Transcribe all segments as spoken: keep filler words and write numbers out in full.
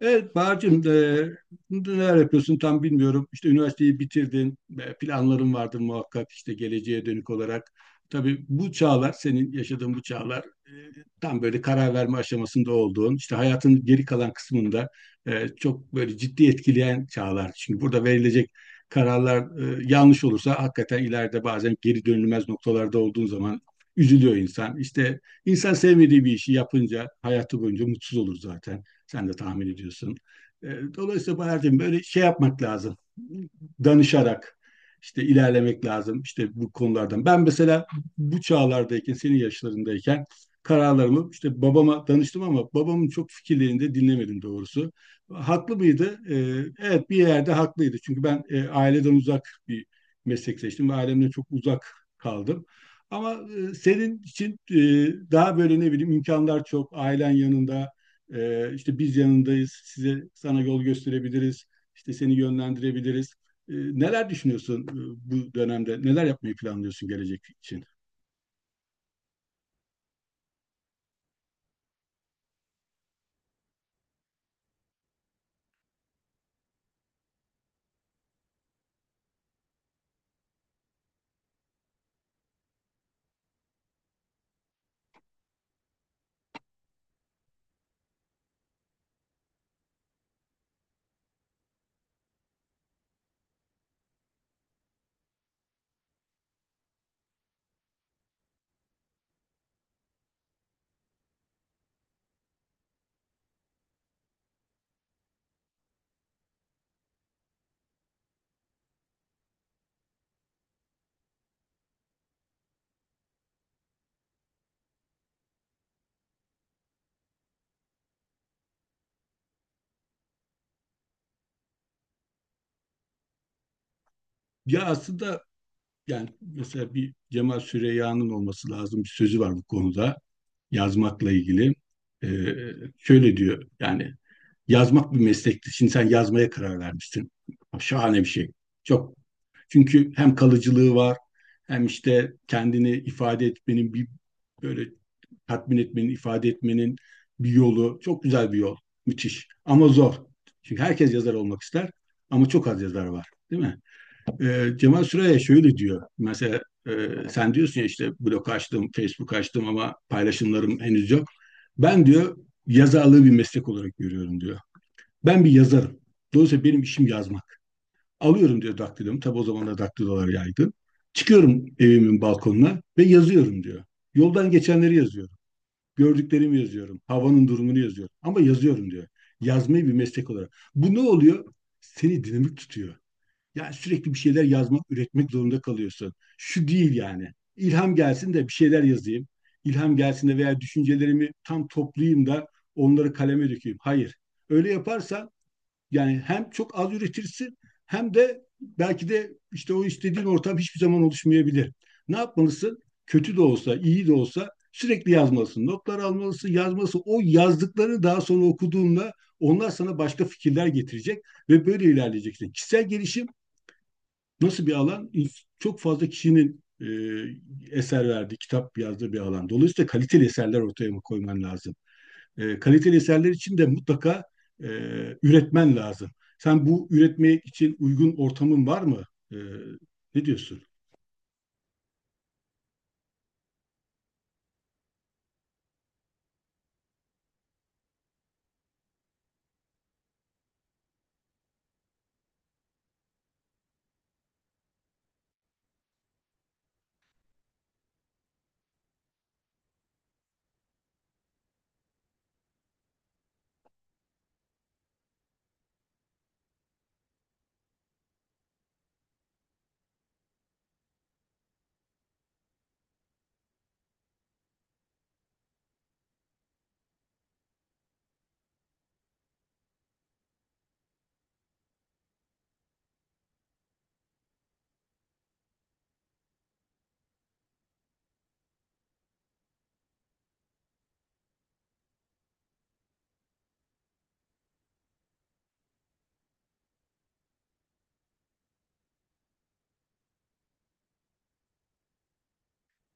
Evet Bahar'cığım e, neler yapıyorsun tam bilmiyorum. İşte üniversiteyi bitirdin, e, planların vardır muhakkak işte geleceğe dönük olarak. Tabii bu çağlar, senin yaşadığın bu çağlar e, tam böyle karar verme aşamasında olduğun, işte hayatın geri kalan kısmında e, çok böyle ciddi etkileyen çağlar. Çünkü burada verilecek kararlar e, yanlış olursa hakikaten ileride bazen geri dönülmez noktalarda olduğun zaman üzülüyor insan. İşte insan sevmediği bir işi yapınca hayatı boyunca mutsuz olur zaten. Sen de tahmin ediyorsun. E, Dolayısıyla Bahar'cığım böyle şey yapmak lazım. Danışarak işte ilerlemek lazım işte bu konulardan. Ben mesela bu çağlardayken, senin yaşlarındayken kararlarımı işte babama danıştım ama babamın çok fikirlerini de dinlemedim doğrusu. Haklı mıydı? E, evet bir yerde haklıydı. Çünkü ben e, aileden uzak bir meslek seçtim ve ailemden çok uzak kaldım. Ama e, senin için e, daha böyle ne bileyim imkanlar çok, ailen yanında, ee, işte biz yanındayız, size sana yol gösterebiliriz, işte seni yönlendirebiliriz. Ee, neler düşünüyorsun e, bu dönemde? Neler yapmayı planlıyorsun gelecek için? Ya aslında yani mesela bir Cemal Süreyya'nın olması lazım bir sözü var bu konuda yazmakla ilgili. Ee, Şöyle diyor yani yazmak bir meslektir. Şimdi sen yazmaya karar vermişsin. Şahane bir şey. Çok. Çünkü hem kalıcılığı var hem işte kendini ifade etmenin bir böyle tatmin etmenin, ifade etmenin bir yolu. Çok güzel bir yol. Müthiş. Ama zor. Çünkü herkes yazar olmak ister ama çok az yazar var. Değil mi? Ee, Cemal Süreyya şöyle diyor. Mesela e, sen diyorsun ya işte blog açtım, Facebook açtım ama paylaşımlarım henüz yok. Ben diyor yazarlığı bir meslek olarak görüyorum diyor. Ben bir yazarım. Dolayısıyla benim işim yazmak. Alıyorum diyor daktilomu. Tabi o zaman da daktilolar yaygın. Çıkıyorum evimin balkonuna ve yazıyorum diyor. Yoldan geçenleri yazıyorum. Gördüklerimi yazıyorum. Havanın durumunu yazıyorum. Ama yazıyorum diyor. Yazmayı bir meslek olarak. Bu ne oluyor? Seni dinamik tutuyor. Yani sürekli bir şeyler yazmak, üretmek zorunda kalıyorsun. Şu değil yani. İlham gelsin de bir şeyler yazayım. İlham gelsin de veya düşüncelerimi tam toplayayım da onları kaleme dökeyim. Hayır. Öyle yaparsan yani hem çok az üretirsin hem de belki de işte o istediğin ortam hiçbir zaman oluşmayabilir. Ne yapmalısın? Kötü de olsa, iyi de olsa sürekli yazmalısın. Notlar almalısın, yazmalısın. O yazdıklarını daha sonra okuduğunda onlar sana başka fikirler getirecek ve böyle ilerleyeceksin. Kişisel gelişim nasıl bir alan? Çok fazla kişinin e, eser verdiği, kitap yazdığı bir alan. Dolayısıyla kaliteli eserler ortaya koyman lazım. E, kaliteli eserler için de mutlaka e, üretmen lazım. Sen bu üretmek için uygun ortamın var mı? E, Ne diyorsun?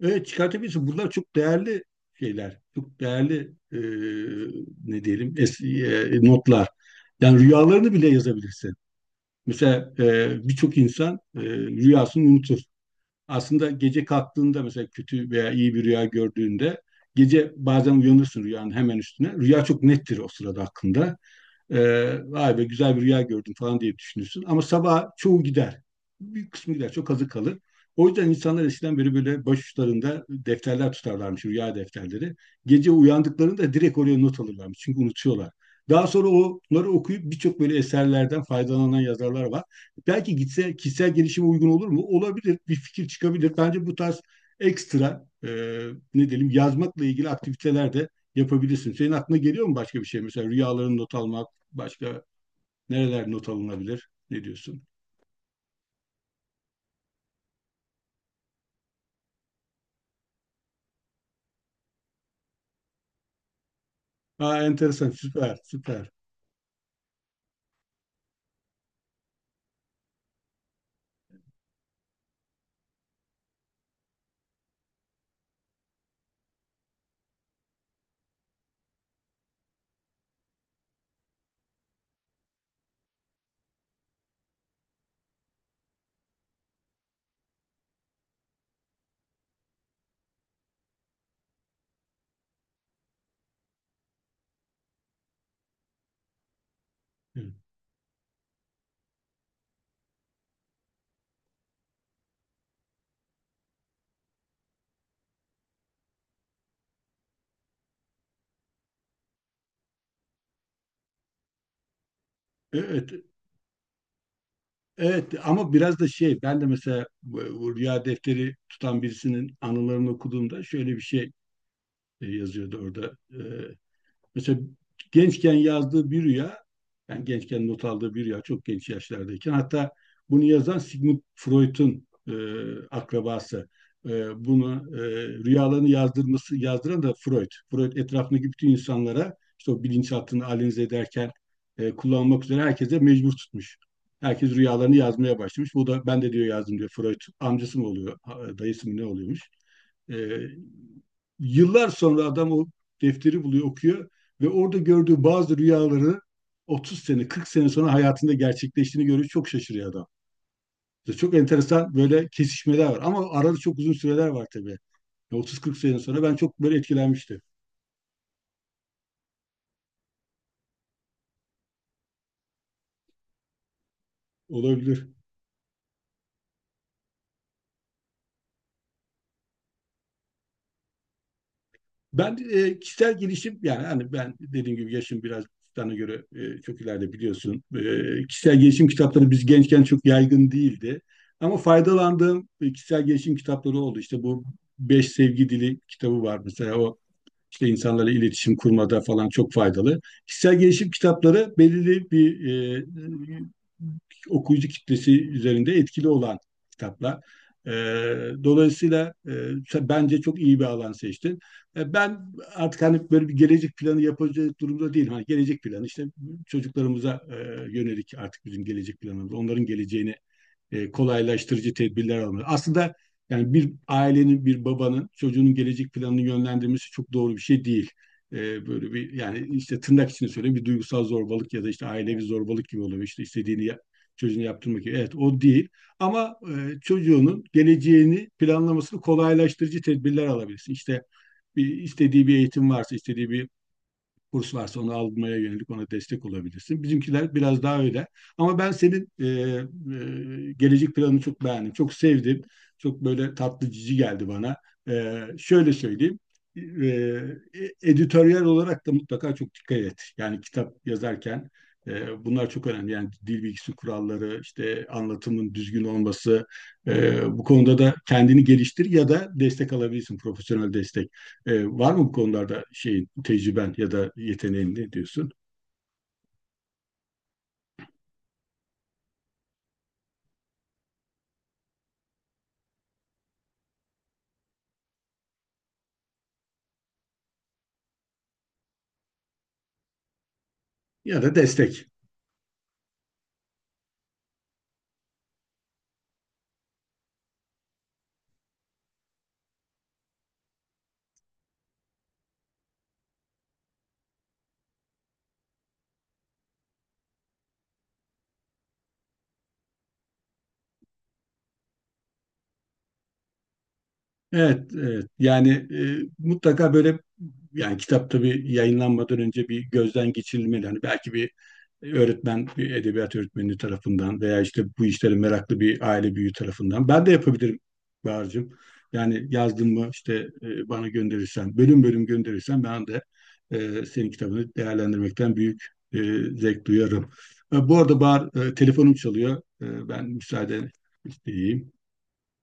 Evet çıkartabilirsin. Bunlar çok değerli şeyler. Çok değerli e, ne diyelim es, e, notlar. Yani rüyalarını bile yazabilirsin. Mesela e, birçok insan e, rüyasını unutur. Aslında gece kalktığında mesela kötü veya iyi bir rüya gördüğünde gece bazen uyanırsın rüyanın hemen üstüne. Rüya çok nettir o sırada hakkında. Ee, vay be güzel bir rüya gördüm falan diye düşünürsün. Ama sabah çoğu gider. Büyük kısmı gider. Çok azı kalır. O yüzden insanlar eskiden beri böyle başuçlarında defterler tutarlarmış, rüya defterleri. Gece uyandıklarında direkt oraya not alırlarmış. Çünkü unutuyorlar. Daha sonra onları okuyup birçok böyle eserlerden faydalanan yazarlar var. Belki gitse kişisel gelişime uygun olur mu? Olabilir. Bir fikir çıkabilir. Bence bu tarz ekstra e, ne diyelim yazmakla ilgili aktiviteler de yapabilirsin. Senin aklına geliyor mu başka bir şey? Mesela rüyalarını not almak, başka nereler not alınabilir? Ne diyorsun? Aa, enteresan, süper, süper. Evet, evet, evet. Ama biraz da şey, ben de mesela bu, bu rüya defteri tutan birisinin anılarını okuduğumda şöyle bir şey e, yazıyordu orada. E, Mesela gençken yazdığı bir rüya, yani gençken not aldığı bir rüya çok genç yaşlardayken hatta bunu yazan Sigmund Freud'un e, akrabası. E, Bunu e, rüyalarını yazdırması yazdıran da Freud. Freud etrafındaki bütün insanlara işte o bilinçaltını analize ederken e, kullanmak üzere herkese mecbur tutmuş. Herkes rüyalarını yazmaya başlamış. Bu da ben de diyor yazdım diyor Freud. Amcası mı oluyor, ha- dayısı mı ne oluyormuş? E, Yıllar sonra adam o defteri buluyor, okuyor ve orada gördüğü bazı rüyaları otuz sene, kırk sene sonra hayatında gerçekleştiğini görüyor. Çok şaşırıyor adam. Çok enteresan böyle kesişmeler var. Ama arada çok uzun süreler var tabii. otuz kırk sene sonra ben çok böyle etkilenmiştim. Olabilir. Ben e, kişisel gelişim yani hani ben dediğim gibi yaşım biraz sana göre e, çok ileride biliyorsun. E, kişisel gelişim kitapları biz gençken çok yaygın değildi. Ama faydalandığım e, kişisel gelişim kitapları oldu. İşte bu Beş Sevgi Dili kitabı var mesela. O işte insanlarla iletişim kurmada falan çok faydalı. Kişisel gelişim kitapları belirli bir e, okuyucu kitlesi üzerinde etkili olan kitaplar. E, Dolayısıyla e, bence çok iyi bir alan seçtin. E, ben artık hani böyle bir gelecek planı yapacak durumda değilim. Hani gelecek planı işte çocuklarımıza e, yönelik artık bizim gelecek planımız. Onların geleceğini e, kolaylaştırıcı tedbirler almalı. Aslında yani bir ailenin, bir babanın çocuğunun gelecek planını yönlendirmesi çok doğru bir şey değil. E, böyle bir yani işte tırnak içinde söyleyeyim bir duygusal zorbalık ya da işte ailevi zorbalık gibi oluyor. İşte istediğini yap- çocuğunu yaptırmak gibi. Evet o değil. Ama e, çocuğunun geleceğini planlamasını kolaylaştırıcı tedbirler alabilirsin. İşte bir istediği bir eğitim varsa, istediği bir kurs varsa onu almaya yönelik ona destek olabilirsin. Bizimkiler biraz daha öyle. Ama ben senin e, e, gelecek planını çok beğendim. Çok sevdim. Çok böyle tatlı cici geldi bana. E, şöyle söyleyeyim. E, e, Editoryal olarak da mutlaka çok dikkat et. Yani kitap yazarken e, bunlar çok önemli. Yani dil bilgisi kuralları, işte anlatımın düzgün olması. E, bu konuda da kendini geliştir ya da destek alabilirsin, profesyonel destek. Ee, var mı bu konularda şeyin, tecrüben ya da yeteneğin ne diyorsun? Ya da destek. Evet, evet. Yani e, mutlaka böyle yani kitap tabii yayınlanmadan önce bir gözden geçirilmeli. Hani belki bir öğretmen, bir edebiyat öğretmeni tarafından veya işte bu işlere meraklı bir aile büyüğü tarafından. Ben de yapabilirim Bahar'cığım. Yani yazdın mı işte e, bana gönderirsen, bölüm bölüm gönderirsen ben de e, senin kitabını değerlendirmekten büyük e, zevk duyarım. E, bu arada Bahar e, telefonum çalıyor. E, ben müsaade isteyeyim.